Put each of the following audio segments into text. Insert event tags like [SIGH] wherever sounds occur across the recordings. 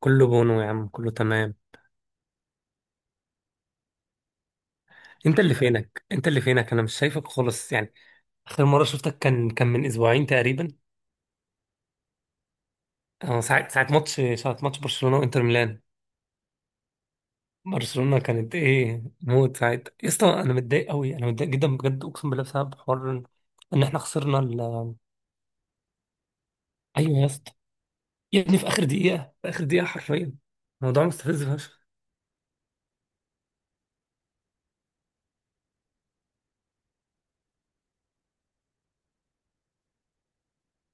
كله بونو يا عم، كله تمام. انت اللي فينك، انت اللي فينك، انا مش شايفك خالص يعني. اخر مره شفتك كان من اسبوعين تقريبا. اه، ساعه ماتش برشلونه وانتر ميلان. برشلونه كانت ايه موت ساعتها يا اسطى، انا متضايق قوي، انا متضايق جدا بجد، اقسم بالله، بسبب حوار إن احنا خسرنا ايوه يا اسطى. يا ابني، في اخر دقيقه، في اخر دقيقه حرفيا. الموضوع مستفز فشخ.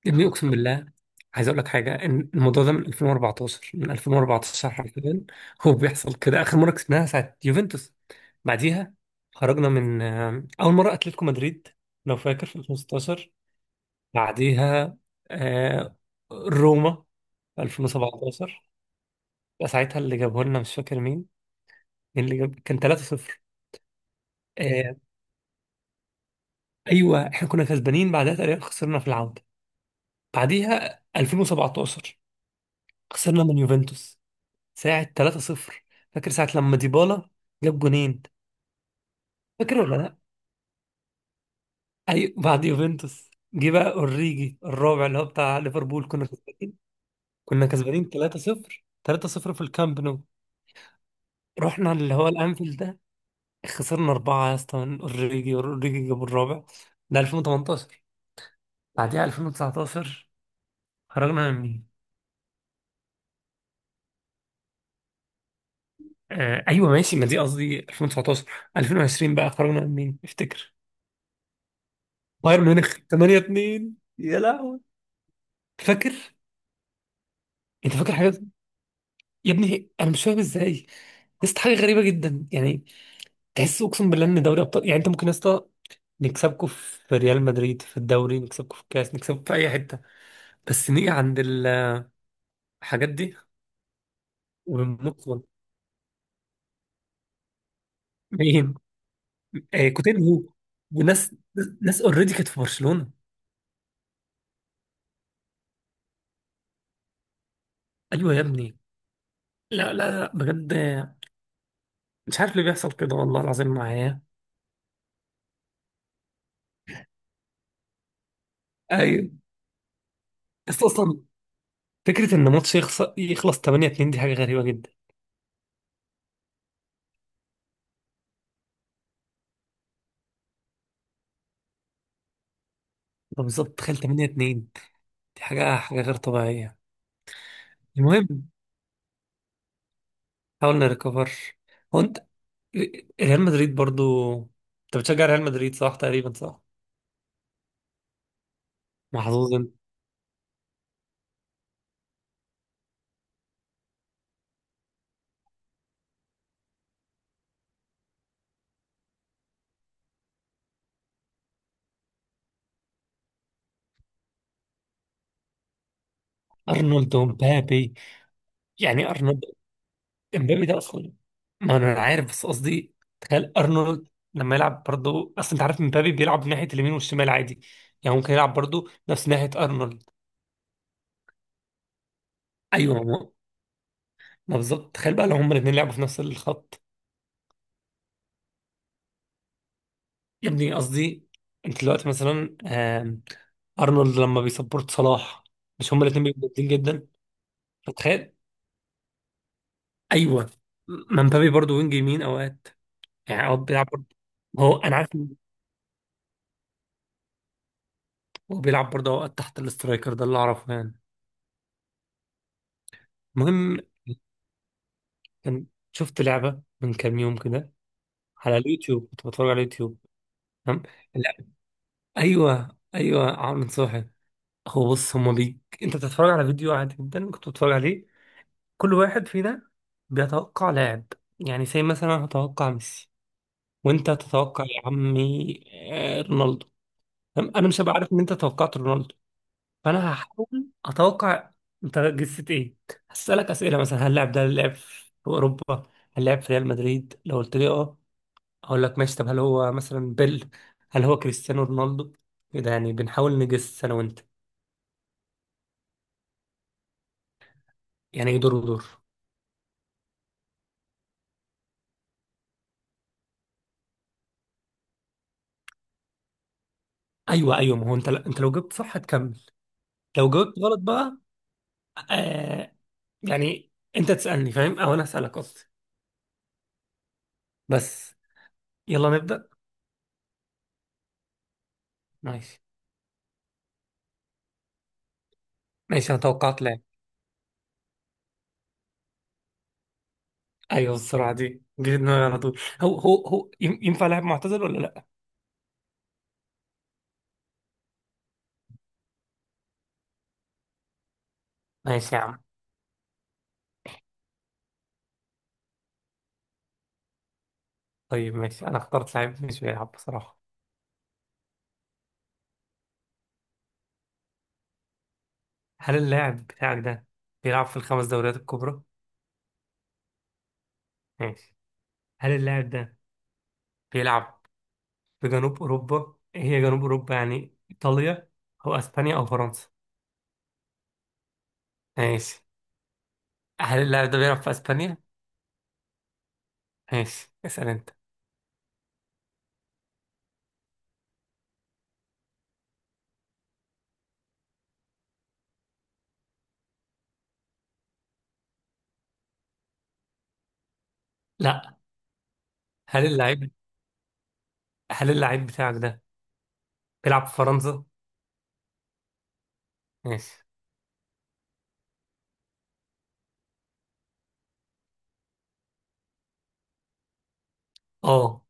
ابني اقسم بالله، عايز اقول لك حاجه ان الموضوع ده من 2014، من 2014 حرفيا. [LAUGHS] هو بيحصل كده. اخر مره كسبناها ساعه يوفنتوس. بعديها خرجنا من اول مره اتلتيكو مدريد، لو فاكر في 2016. بعديها آه، روما في 2017. ده ساعتها اللي جابه لنا، مش فاكر مين. مين اللي جاب، كان 3-0. آه، ايوه احنا كنا كسبانين بعدها، تقريبا خسرنا في العوده. بعديها 2017 خسرنا من يوفنتوس ساعة 3-0. فاكر ساعة لما ديبالا جاب جونين؟ فاكر ولا لا؟ أي، بعد يوفنتوس جه بقى أوريجي الرابع، اللي هو بتاع ليفربول. كنا كسبانين، كنا كسبانين 3-0، 3-0 في الكامب نو. رحنا اللي هو الأنفيلد ده، خسرنا أربعة يا اسطى من أوريجي، أوريجي جاب الرابع. ده 2018. بعديها 2019 خرجنا من مين؟ آه أيوه ماشي، ما دي قصدي 2019. 2020 بقى خرجنا من مين؟ افتكر بايرن ميونخ 8-2 يا لهوي. فاكر؟ انت فاكر حاجات. يا ابني انا مش فاهم ازاي. لسه حاجه غريبه جدا يعني. تحس اقسم بالله ان دوري ابطال، يعني انت ممكن يا اسطى نكسبكم في ريال مدريد في الدوري، نكسبكم في الكاس، نكسبكم في اي حته، بس نيجي عند الحاجات دي وبنوصل. مين؟ آه كوتينيو وناس، ناس اوريدي كانت في برشلونه. ايوه يا ابني. لا لا لا بجد، مش عارف ليه بيحصل كده والله العظيم معايا. ايوه. بس اصلا فكره ان ماتش يخسر يخلص 8 2 دي حاجه غريبه جدا. طب بالظبط، تخيل 8 2 دي حاجة، حاجة غير طبيعية. المهم، حاولنا نريكفر. هو انت ريال مدريد برضو، انت بتشجع ريال مدريد صح؟ تقريبا صح. محظوظ انت. ارنولد ومبابي. يعني ارنولد، امبابي ده اصلا، ما انا عارف، بس قصدي تخيل ارنولد لما يلعب برضو. اصل انت عارف مبابي بيلعب ناحية اليمين والشمال عادي، يعني ممكن يلعب برضو نفس ناحية ارنولد. ايوه، ما بالظبط، تخيل بقى لو هما الاثنين لعبوا في نفس الخط. يا ابني قصدي انت دلوقتي مثلا ارنولد لما بيسبورت صلاح، مش هما الاثنين بيبقوا جامدين جدا؟ فتخيل. ايوه، ما مبابي برضه وينج يمين اوقات يعني، اوقات بيلعب برضه. هو انا عارف إن هو بيلعب برضه اوقات تحت الاسترايكر، ده اللي اعرفه يعني. المهم، كان شفت لعبه من كام يوم كده على اليوتيوب، كنت بتفرج على اليوتيوب. تمام. لا. ايوه ايوه عامل صاحي. هو بص هما بي، انت بتتفرج على فيديو عادي جدا كنت بتتفرج عليه. كل واحد فينا بيتوقع لاعب، يعني زي مثلا أنا هتوقع ميسي، وانت هتتوقع يا عمي رونالدو. تمام؟ انا مش هبقى عارف ان انت توقعت رونالدو، فانا هحاول اتوقع انت جسيت ايه. هسألك اسئله مثلا، هل اللاعب ده لعب في اوروبا؟ هل لعب في ريال مدريد؟ لو قلت لي اه، اقول لك ماشي. طب هل هو مثلا بيل؟ هل هو كريستيانو رونالدو؟ كده يعني، بنحاول نجس انا وانت. يعني ايه دور ودور؟ ايوه ايوه، ما هو انت، انت لو جبت صح هتكمل. لو جاوبت غلط بقى، آه، يعني انت تسألني فاهم، او انا أسألك قصدي. بس يلا نبدأ. ماشي. ماشي انا توقعت لاعب. ايوه السرعة دي، جه في دماغي على طول. هو ينفع لاعب معتزل ولا لا؟ ماشي يا عم. طيب ماشي، انا اخترت لاعب مش بيلعب بصراحة. هل اللاعب بتاعك ده بيلعب في الخمس دوريات الكبرى؟ ماشي. هل اللاعب ده بيلعب في جنوب اوروبا؟ إيه هي جنوب اوروبا؟ يعني ايطاليا او اسبانيا او فرنسا. ماشي. هل اللاعب ده بيلعب في اسبانيا؟ ماشي، اسأل انت. لا. هل اللاعب هل اللاعب بتاعك ده بيلعب في فرنسا؟ ماشي. اه،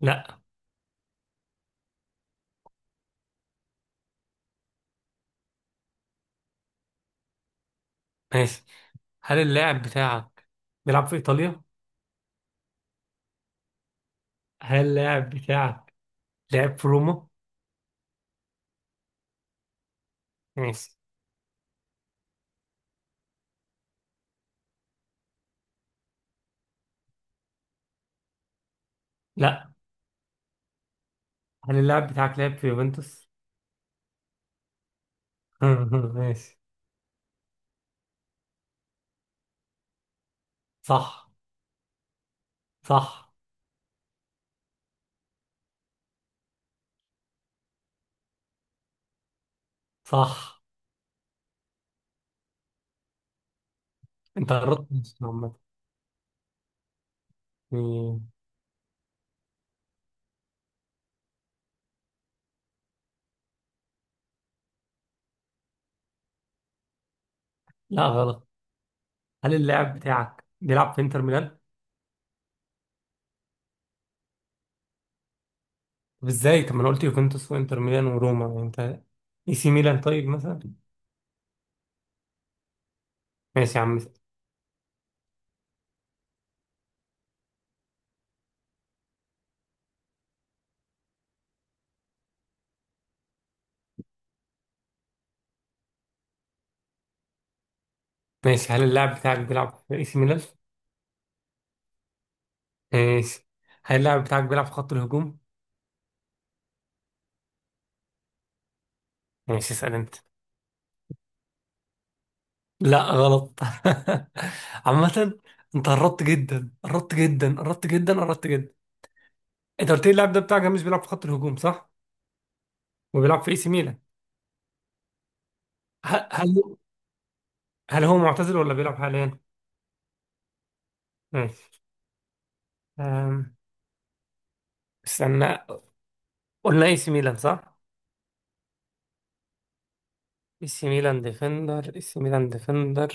لا. ماشي. هل اللاعب بتاعك بيلعب في ايطاليا؟ هل اللاعب بتاعك لعب في روما؟ ماشي. لا. هل اللاعب بتاعك لعب في يوفنتوس؟ [LAUGHS] ماشي. صح. صح. صح. انت قربت ماشي عامة. مم. لا غلط. هل اللاعب بتاعك بيلعب في انتر ميلان؟ طب ازاي؟ طب ما انا قلت يوفنتوس وانتر ميلان وروما يعني انت. اي سي ميلان طيب مثلا؟ ماشي يا عم. ماشي. هل اللاعب بتاعك بيلعب في اي سي ميلان؟ ماشي. هل اللاعب بتاعك بيلعب في خط الهجوم؟ ماشي، اسأل انت. لا غلط. [LAUGHS] عامة انت قربت جدا، قربت جدا، قربت جدا، قربت جدا. انت قلت لي اللاعب ده بتاعك مش بيلعب في خط الهجوم صح؟ وبيلعب في اي سي ميلان. ه- هل هل هو معتزل ولا بيلعب حاليا؟ ماشي. أم، استنى، قلنا اي سي ميلان صح؟ اي سي ميلان ديفندر، اي سي ميلان ديفندر،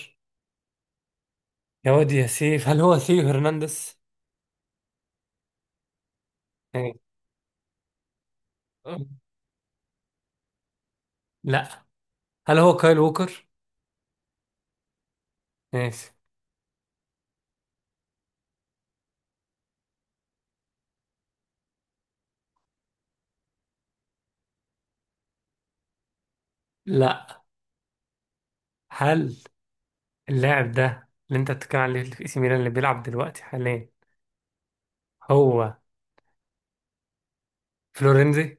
يا واد يا سيف، هل هو ثيو هرنانديز؟ ماشي. لا. هل هو كايل ووكر؟ ماشي. لا. هل اللاعب ده اللي انت بتتكلم عليه، اللي في اي سي ميلان، اللي بيلعب دلوقتي حاليا، هو فلورنزي؟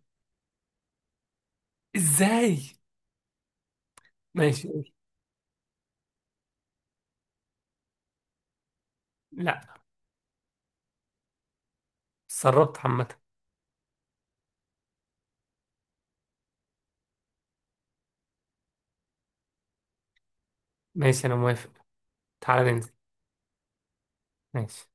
ازاي؟ ماشي قول. لا. اتسربت عامة. ماشي انا موافق. تعالى ننزل. ماشي.